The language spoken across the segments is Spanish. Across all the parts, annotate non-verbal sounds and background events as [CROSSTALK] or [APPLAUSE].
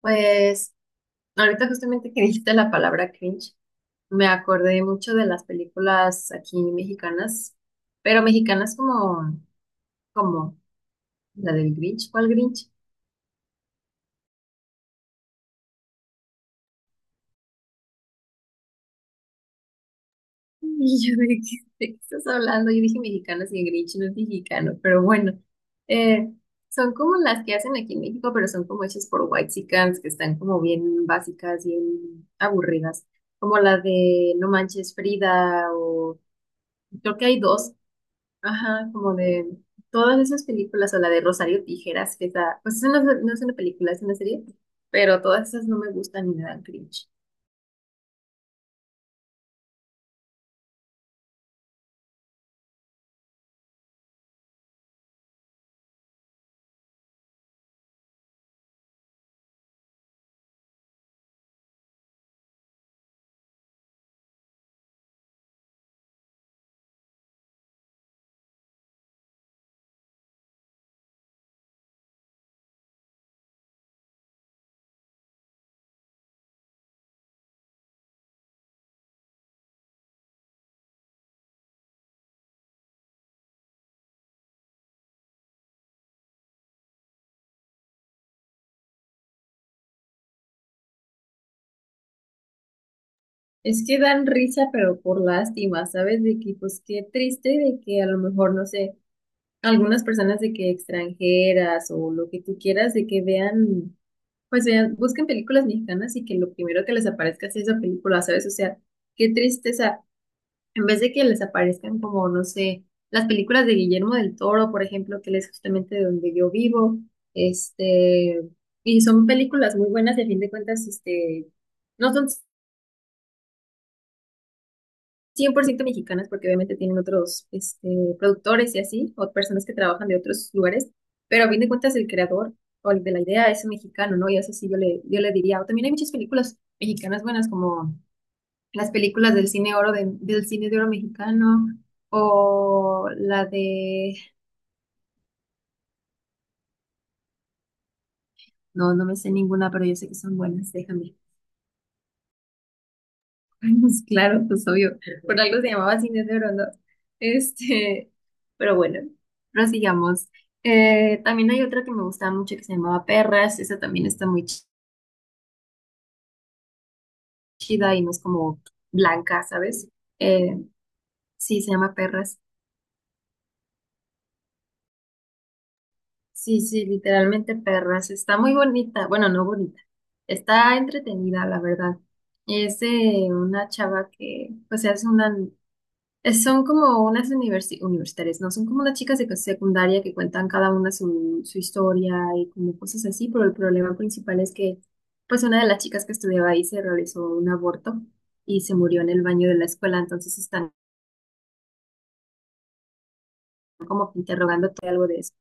Pues ahorita justamente que dijiste la palabra cringe, me acordé mucho de las películas aquí mexicanas, pero mexicanas como, como la del Grinch. ¿Cuál Grinch? [LAUGHS] Y yo de qué estás hablando, yo dije mexicanas y el Grinch no es mexicano, pero bueno, eh, son como las que hacen aquí en México, pero son como hechas por whitexicans, que están como bien básicas, bien aburridas, como la de No Manches Frida o creo que hay dos. Ajá, como de todas esas películas, o la de Rosario Tijeras, que está, pues esa no, es no es una película, es una serie, pero todas esas no me gustan ni me dan cringe. Es que dan risa, pero por lástima, ¿sabes? De que, pues qué triste de que a lo mejor, no sé, algunas personas de que extranjeras o lo que tú quieras, de que vean, pues vean, busquen películas mexicanas y que lo primero que les aparezca sea esa película, ¿sabes? O sea, qué tristeza. En vez de que les aparezcan como, no sé, las películas de Guillermo del Toro, por ejemplo, que él es justamente de donde yo vivo, este, y son películas muy buenas, y a fin de cuentas, no son 100% mexicanas porque obviamente tienen otros, productores y así, o personas que trabajan de otros lugares, pero a fin de cuentas el creador o el de la idea es mexicano, ¿no? Y eso sí yo le diría, o también hay muchas películas mexicanas buenas como las películas del cine oro del cine de oro mexicano o la de no, no me sé ninguna, pero yo sé que son buenas, déjame. [LAUGHS] Pues claro, pues obvio, por algo se llamaba cine de oro, ¿no? Este, pero bueno, prosigamos. También hay otra que me gustaba mucho que se llamaba Perras, esa también está muy chida y no es como blanca, ¿sabes? Eh, sí, se llama Perras. Sí, sí, literalmente perras. Está muy bonita. Bueno, no bonita. Está entretenida, la verdad. Es de una chava que, pues, son como unas universitarias, ¿no? Son como unas chicas de secundaria que cuentan cada una su, su historia y como cosas así, pero el problema principal es que, pues, una de las chicas que estudiaba ahí se realizó un aborto y se murió en el baño de la escuela, entonces están como que interrogándote algo de eso.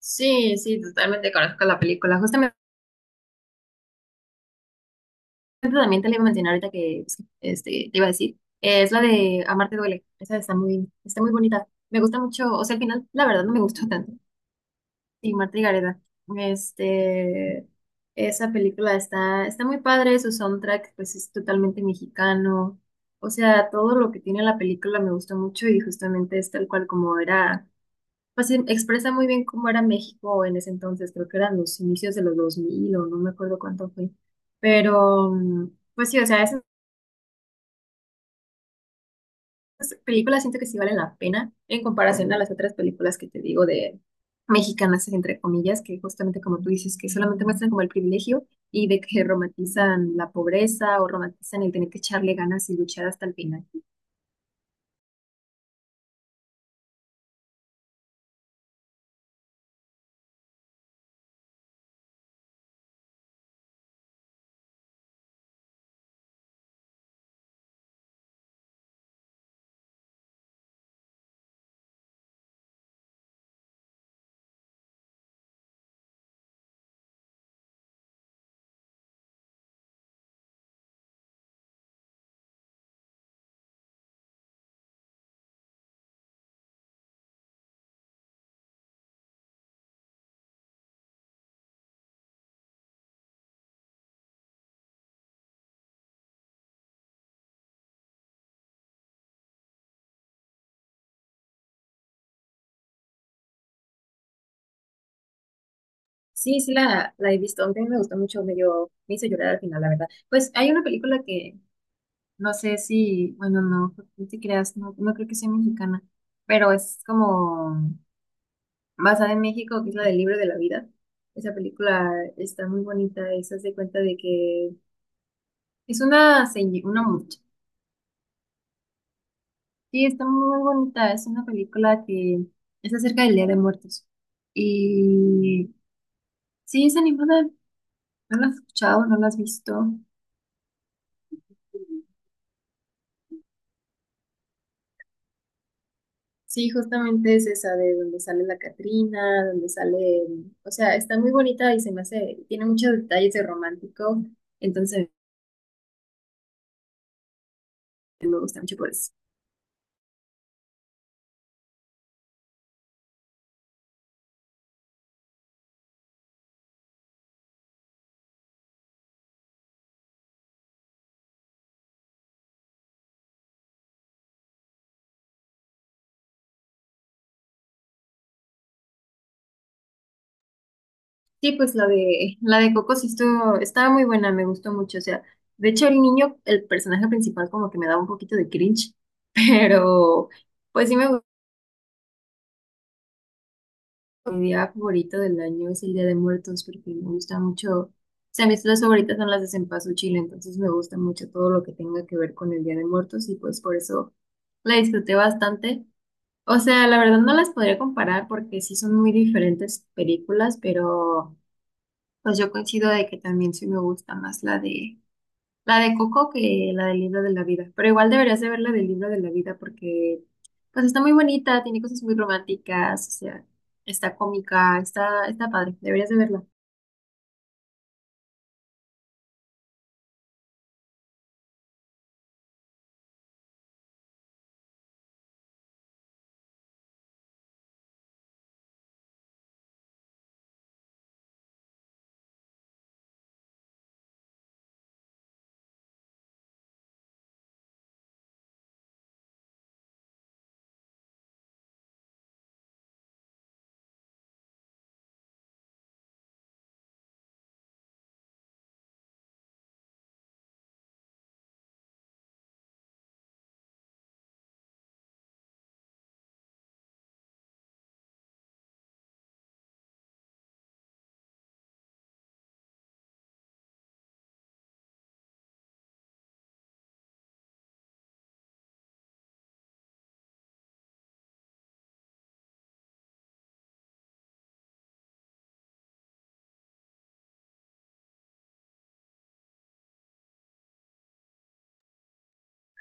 Sí, sí, totalmente conozco la película. Justamente ejemplo, también te le iba a mencionar ahorita que te iba a decir, es la de Amarte duele. Esa está muy bonita. Me gusta mucho, o sea, al final, la verdad, no me gustó tanto. Sí, Marta y Gareda. Este, esa película está, está muy padre, su soundtrack, pues es totalmente mexicano. O sea, todo lo que tiene la película me gustó mucho y justamente es tal cual como era, pues expresa muy bien cómo era México en ese entonces, creo que eran los inicios de los 2000 o no me acuerdo cuánto fue. Pero, pues sí, o sea, es películas siento que sí valen la pena en comparación a las otras películas que te digo de mexicanas, entre comillas, que justamente como tú dices, que solamente muestran como el privilegio y de que romantizan la pobreza o romantizan el tener que echarle ganas y luchar hasta el final. Sí, sí, la he visto. A mí me gustó mucho, me dio, me hizo llorar al final, la verdad. Pues hay una película que no sé si, bueno, no, no te creas, no, no creo que sea mexicana, pero es como basada en México, que es la del libro de la vida. Esa película está muy bonita, es, haz de cuenta de que es una, una mucha. Sí, está muy bonita, es una película que es acerca del Día de Muertos. Y sí, es animada, no la has escuchado, no la has visto. Sí, justamente es esa de donde sale la Catrina, donde sale, o sea, está muy bonita y se me hace, tiene muchos detalles de romántico, entonces me gusta mucho por eso. Sí, pues la de Coco sí estuvo, estaba muy buena, me gustó mucho. O sea, de hecho el niño, el personaje principal como que me daba un poquito de cringe, [LAUGHS] pero pues sí me gustó. Mi día favorito del año es el Día de Muertos porque me gusta mucho. O sea, mis tres favoritas son las de Cempasúchil, Chile, entonces me gusta mucho todo lo que tenga que ver con el Día de Muertos y pues por eso la disfruté bastante. O sea, la verdad no las podría comparar porque sí son muy diferentes películas, pero pues yo coincido de que también sí me gusta más La de Coco que la del libro de la vida. Pero igual deberías de ver la del libro de la vida porque pues está muy bonita, tiene cosas muy románticas, o sea, está cómica, está, está padre, deberías de verla.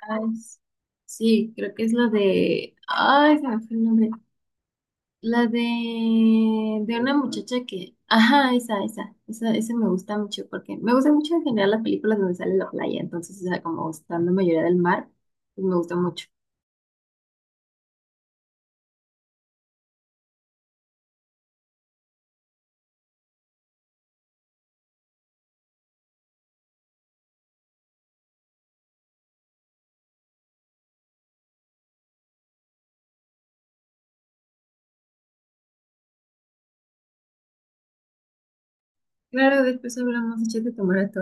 Ay, s- sí, creo que es la de... Ay, se me fue el nombre. La de una muchacha que... Ajá, esa me gusta mucho porque me gusta mucho en general las películas donde sale la playa, entonces, o sea, como está la mayoría del mar, pues me gusta mucho. Claro, después hablamos, échate tu maratón.